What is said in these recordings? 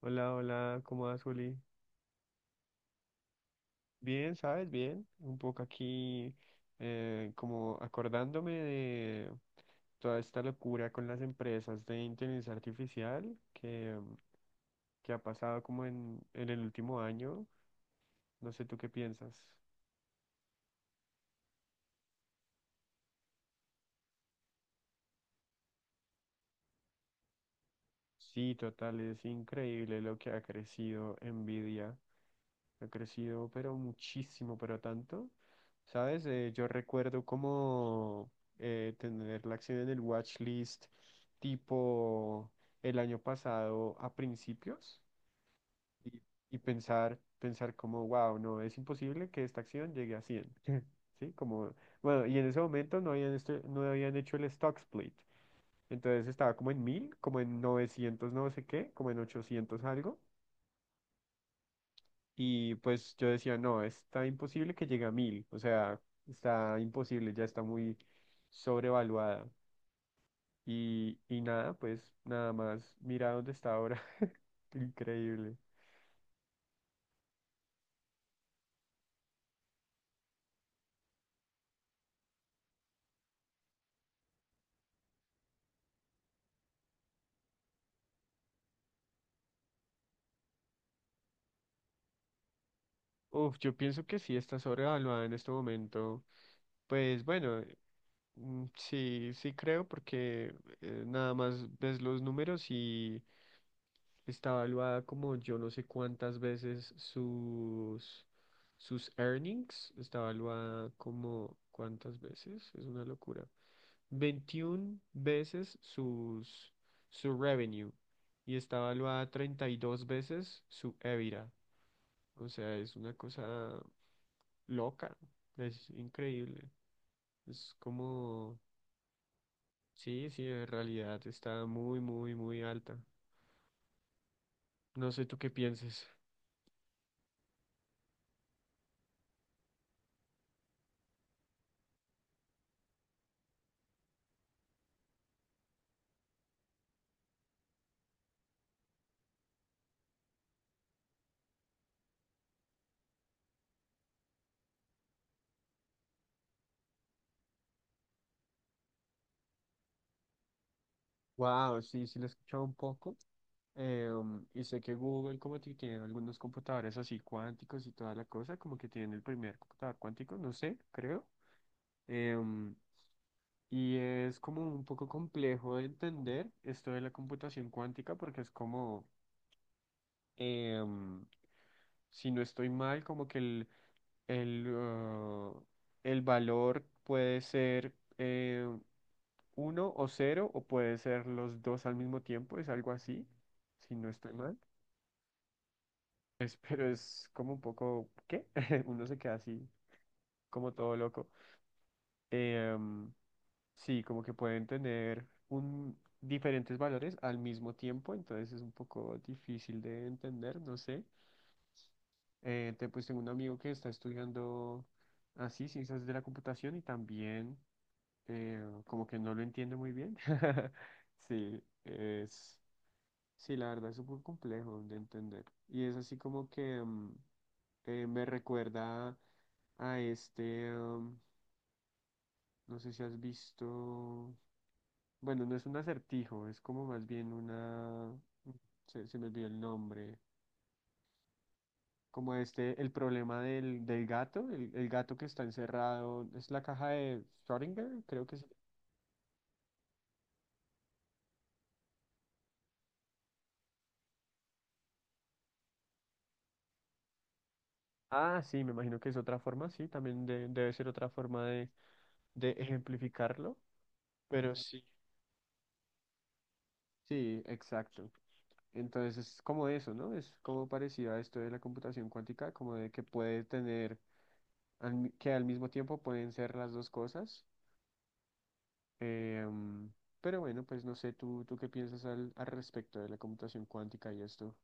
Hola, hola, ¿cómo vas, Juli? Bien, ¿sabes? Bien. Un poco aquí como acordándome de toda esta locura con las empresas de inteligencia artificial que ha pasado como en el último año. No sé tú qué piensas. Sí, total, es increíble lo que ha crecido Nvidia. Ha crecido, pero muchísimo, pero tanto. ¿Sabes? Yo recuerdo como tener la acción en el watch list tipo el año pasado a principios y, y pensar como, wow, no, es imposible que esta acción llegue a 100, ¿Sí? Como, bueno, y en ese momento no habían hecho el stock split. Entonces estaba como en 1000, como en 900, no sé qué, como en 800 algo. Y pues yo decía, no, está imposible que llegue a 1000, o sea, está imposible, ya está muy sobrevaluada. Y nada, pues nada más, mira dónde está ahora, increíble. Uf, yo pienso que sí está sobrevaluada en este momento. Pues bueno. Mm. Sí, sí creo porque nada más ves los números y está evaluada como yo no sé cuántas veces sus earnings, está evaluada como cuántas veces, es una locura. 21 veces su revenue y está evaluada 32 veces su EBITDA. O sea, es una cosa loca, es increíble. Es como. Sí, sí, en realidad está muy, muy, muy alta. No sé tú qué pienses. Wow, sí, sí lo he escuchado un poco. Y sé que Google como que tiene algunos computadores así cuánticos y toda la cosa, como que tiene el primer computador cuántico, no sé, creo. Eh, um, y es como un poco complejo de entender esto de la computación cuántica porque es como, eh, um, si no estoy mal, como que el, uh, el valor puede ser eh, uno o cero, o puede ser los dos al mismo tiempo, es algo así, si no estoy mal. Pero es como un poco, ¿qué? Uno se queda así, como todo loco. Em, sí, como que pueden tener diferentes valores al mismo tiempo, entonces es un poco difícil de entender, no sé. Pues tengo un amigo que está estudiando así, ciencias de la computación, y también como que no lo entiende muy bien. Sí. Sí, la verdad es súper complejo de entender. Y es así como que me recuerda a este, no sé si has visto, bueno, no es un acertijo, es como más bien se me olvidó el nombre, como este, el problema del gato, el gato que está encerrado, es la caja de Schrödinger, creo que sí. Ah, sí, me imagino que es otra forma, sí, también debe ser otra forma de ejemplificarlo, pero sí. Sí, exacto. Entonces es como eso, ¿no? Es como parecido a esto de la computación cuántica, como de que puede tener, que al mismo tiempo pueden ser las dos cosas. Em, pero bueno, pues no sé, ¿tú qué piensas al respecto de la computación cuántica y esto?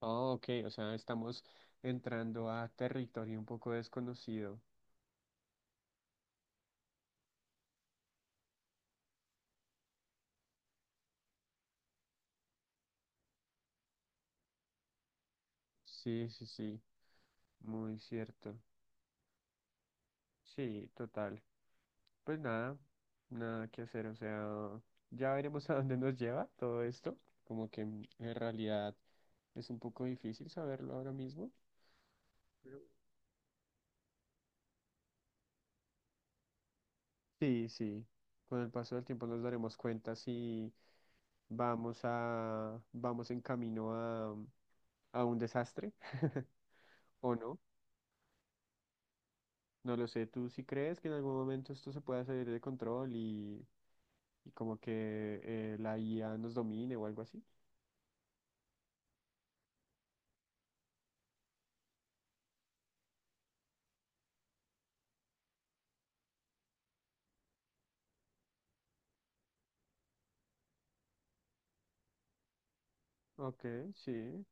Oh, ok, o sea, estamos entrando a territorio un poco desconocido. Sí, sí, sí, muy cierto. Sí, total. Pues nada, nada que hacer, o sea, ya veremos a dónde nos lleva todo esto, como que en realidad es un poco difícil saberlo ahora mismo. Pero- Sí, sí, con el paso del tiempo nos daremos cuenta si vamos en camino a un desastre o no, no lo sé. ¿Tú sí crees que en algún momento esto se pueda salir de control y como que la IA nos domine o algo así? Ok, sí.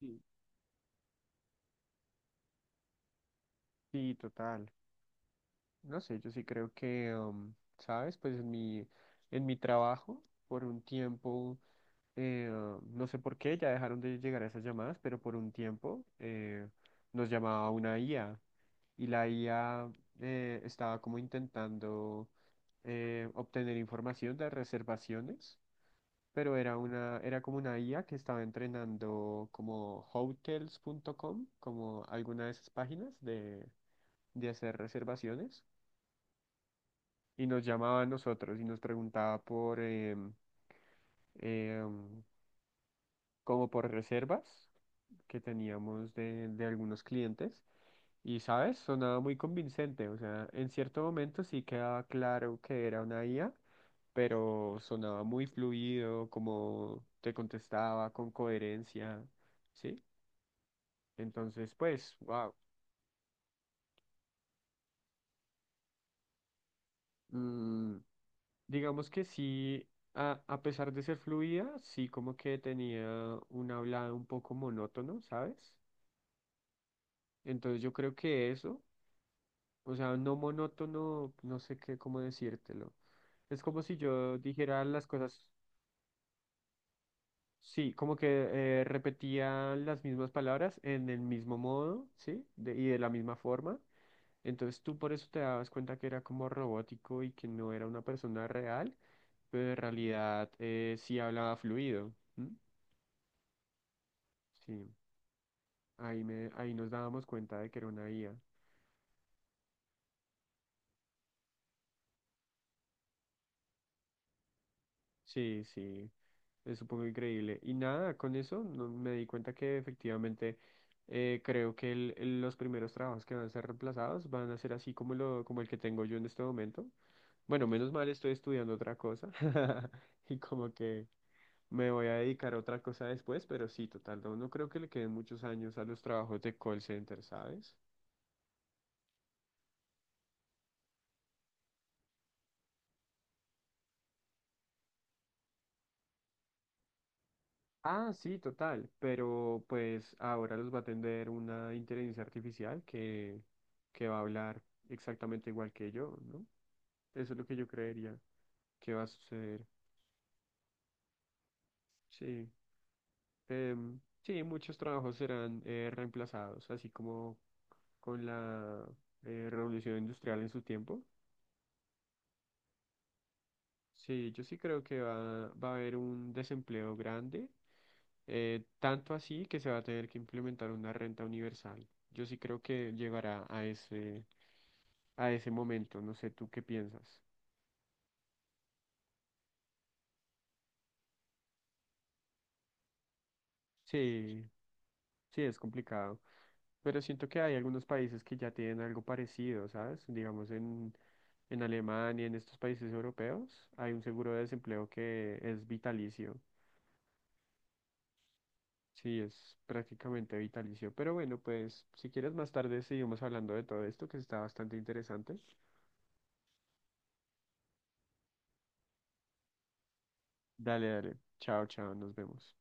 Sí, Sí, total. No sé, yo sí creo que, ¿sabes? Pues en mi trabajo, por un tiempo, no sé por qué, ya dejaron de llegar esas llamadas, pero por un tiempo nos llamaba una IA y la IA estaba como intentando obtener información de reservaciones, pero era era como una IA que estaba entrenando como hotels.com, como alguna de esas páginas de hacer reservaciones. Y nos llamaba a nosotros y nos preguntaba por em, como por reservas que teníamos de algunos clientes y sabes, sonaba muy convincente, o sea, en cierto momento sí quedaba claro que era una IA, pero sonaba muy fluido, como te contestaba con coherencia, ¿sí? Entonces, pues, wow. Digamos que sí, a pesar de ser fluida, sí como que tenía un hablado un poco monótono, ¿sabes? Entonces yo creo que eso, o sea, no monótono, no sé qué, cómo decírtelo. Es como si yo dijera las cosas, sí, como que repetía las mismas palabras en el mismo modo, ¿sí? Y de la misma forma. Entonces tú por eso te dabas cuenta que era como robótico y que no era una persona real, pero en realidad sí hablaba fluido. ¿M? Sí, ahí nos dábamos cuenta de que era una IA. Sí, sí, es un poco increíble. Y nada, con eso me di cuenta que efectivamente creo que los primeros trabajos que van a ser reemplazados van a ser así como el que tengo yo en este momento. Bueno, menos mal estoy estudiando otra cosa y como que me voy a dedicar a otra cosa después, pero sí, total, no, no creo que le queden muchos años a los trabajos de call center, ¿sabes? Ah, sí, total, pero pues ahora los va a atender una inteligencia artificial que va a hablar exactamente igual que yo, ¿no? Eso es lo que yo creería que va a suceder. Sí, sí, muchos trabajos serán reemplazados, así como con la revolución industrial en su tiempo. Sí, yo sí creo que va a haber un desempleo grande, tanto así que se va a tener que implementar una renta universal. Yo sí creo que llegará a ese, momento, no sé tú qué piensas. Sí, sí, es complicado, pero siento que hay algunos países que ya tienen algo parecido, ¿sabes? Digamos en Alemania, en estos países europeos, hay un seguro de desempleo que es vitalicio. Sí, es prácticamente vitalicio. Pero bueno, pues si quieres más tarde seguimos hablando de todo esto que está bastante interesante. Dale, dale. Chao, chao, nos vemos.